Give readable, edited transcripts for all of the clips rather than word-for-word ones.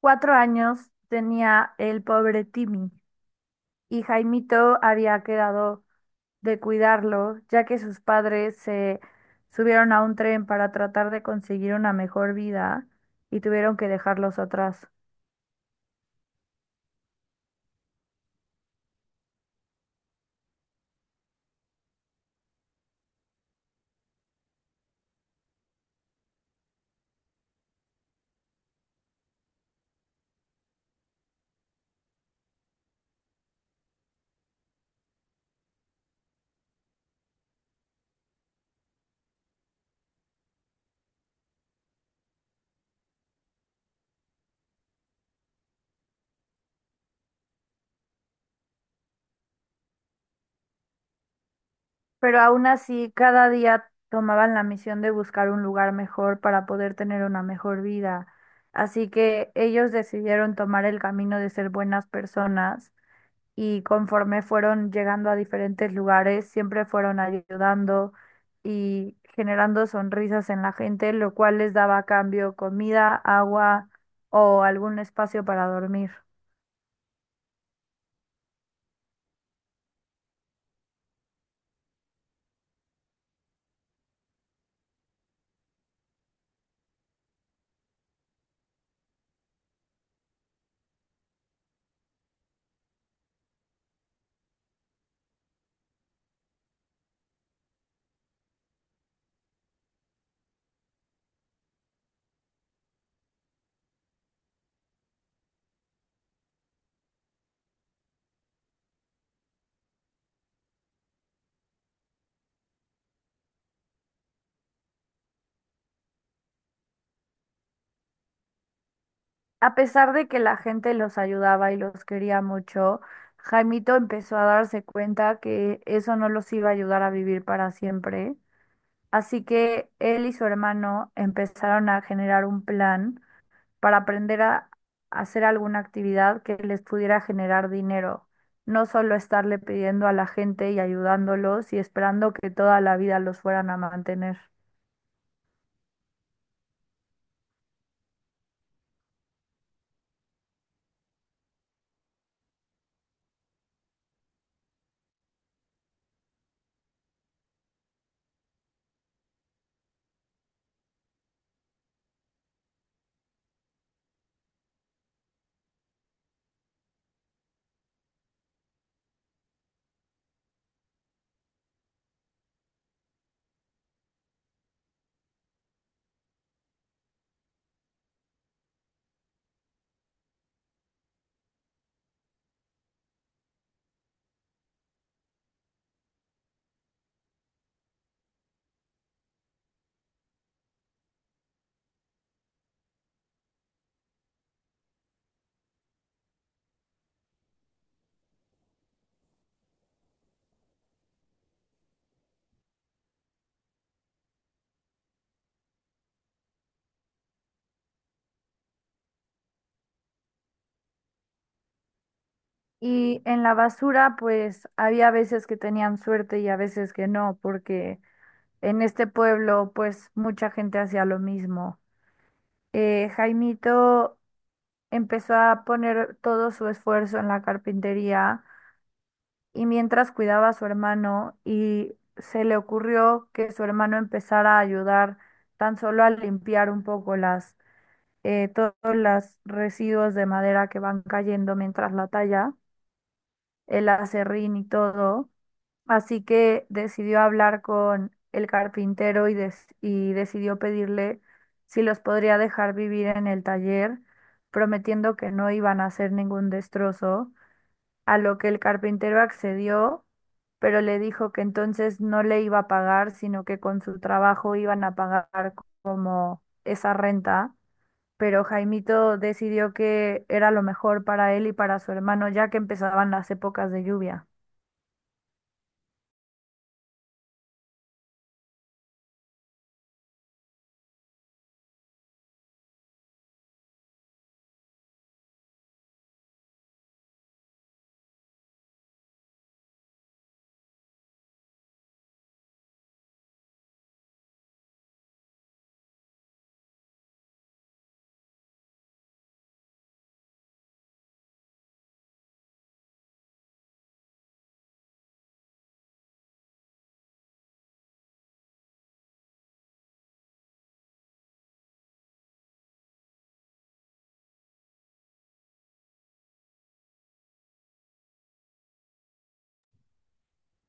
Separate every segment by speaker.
Speaker 1: 4 años tenía el pobre Timmy, y Jaimito había quedado de cuidarlo, ya que sus padres se subieron a un tren para tratar de conseguir una mejor vida y tuvieron que dejarlos atrás. Pero aún así, cada día tomaban la misión de buscar un lugar mejor para poder tener una mejor vida. Así que ellos decidieron tomar el camino de ser buenas personas, y conforme fueron llegando a diferentes lugares, siempre fueron ayudando y generando sonrisas en la gente, lo cual les daba a cambio comida, agua o algún espacio para dormir. A pesar de que la gente los ayudaba y los quería mucho, Jaimito empezó a darse cuenta que eso no los iba a ayudar a vivir para siempre. Así que él y su hermano empezaron a generar un plan para aprender a hacer alguna actividad que les pudiera generar dinero, no solo estarle pidiendo a la gente y ayudándolos y esperando que toda la vida los fueran a mantener. Y en la basura, pues había veces que tenían suerte y a veces que no, porque en este pueblo, pues mucha gente hacía lo mismo. Jaimito empezó a poner todo su esfuerzo en la carpintería y mientras cuidaba a su hermano, y se le ocurrió que su hermano empezara a ayudar tan solo a limpiar un poco todos los residuos de madera que van cayendo mientras la talla, el aserrín y todo. Así que decidió hablar con el carpintero y, y decidió pedirle si los podría dejar vivir en el taller, prometiendo que no iban a hacer ningún destrozo, a lo que el carpintero accedió, pero le dijo que entonces no le iba a pagar, sino que con su trabajo iban a pagar como esa renta. Pero Jaimito decidió que era lo mejor para él y para su hermano, ya que empezaban las épocas de lluvia.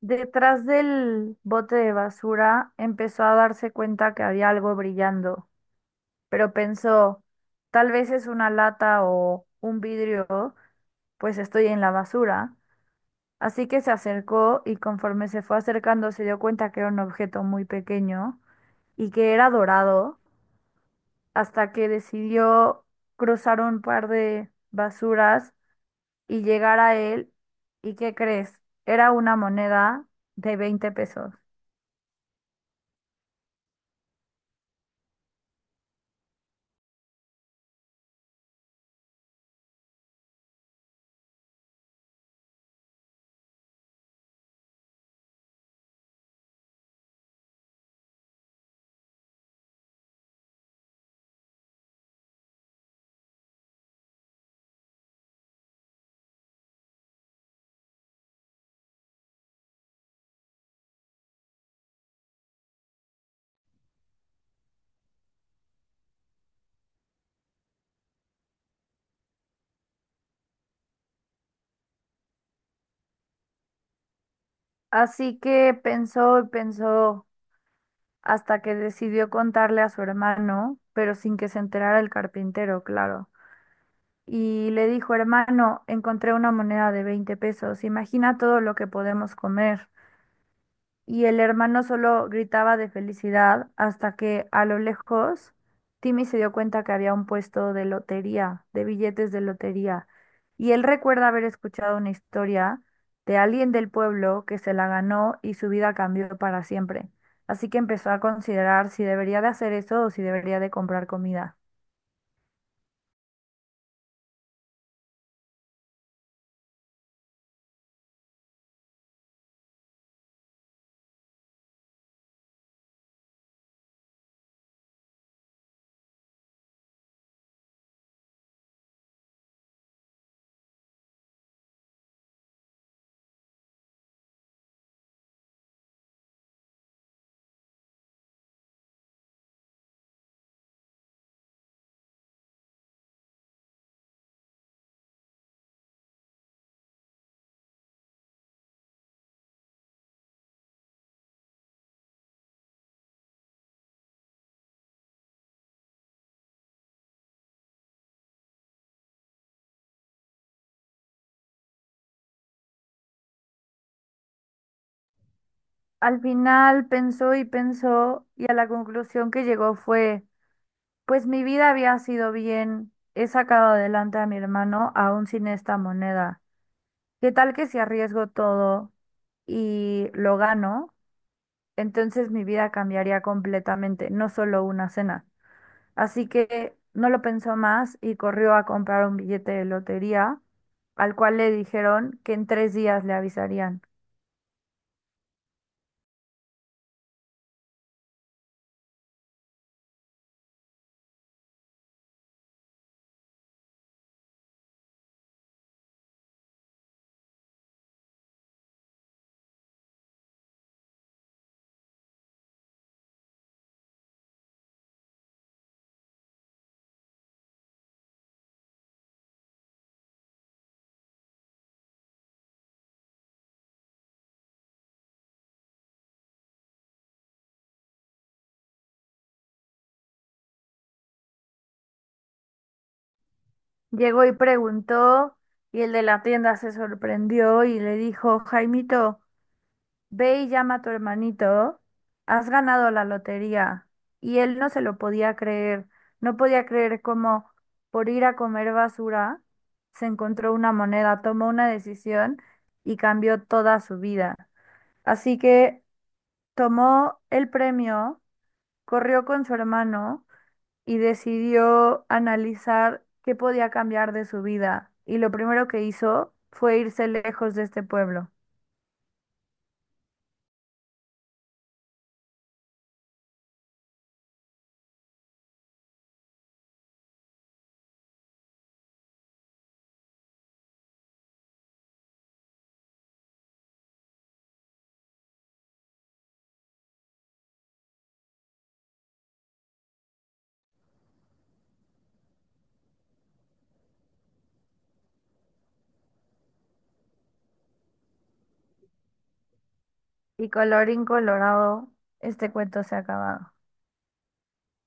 Speaker 1: Detrás del bote de basura empezó a darse cuenta que había algo brillando, pero pensó, tal vez es una lata o un vidrio, pues estoy en la basura. Así que se acercó, y conforme se fue acercando se dio cuenta que era un objeto muy pequeño y que era dorado, hasta que decidió cruzar un par de basuras y llegar a él. ¿Y qué crees? Era una moneda de 20 pesos. Así que pensó y pensó hasta que decidió contarle a su hermano, pero sin que se enterara el carpintero, claro. Y le dijo, hermano, encontré una moneda de 20 pesos, imagina todo lo que podemos comer. Y el hermano solo gritaba de felicidad hasta que a lo lejos Timmy se dio cuenta que había un puesto de lotería, de billetes de lotería. Y él recuerda haber escuchado una historia de alguien del pueblo que se la ganó y su vida cambió para siempre. Así que empezó a considerar si debería de hacer eso o si debería de comprar comida. Al final pensó y pensó, y a la conclusión que llegó fue, pues mi vida había sido bien, he sacado adelante a mi hermano aún sin esta moneda. ¿Qué tal que si arriesgo todo y lo gano? Entonces mi vida cambiaría completamente, no solo una cena. Así que no lo pensó más y corrió a comprar un billete de lotería, al cual le dijeron que en 3 días le avisarían. Llegó y preguntó, y el de la tienda se sorprendió y le dijo, Jaimito, ve y llama a tu hermanito, has ganado la lotería. Y él no se lo podía creer, no podía creer cómo por ir a comer basura se encontró una moneda, tomó una decisión y cambió toda su vida. Así que tomó el premio, corrió con su hermano y decidió analizar qué podía cambiar de su vida. Y lo primero que hizo fue irse lejos de este pueblo. Y colorín colorado, este cuento se ha acabado.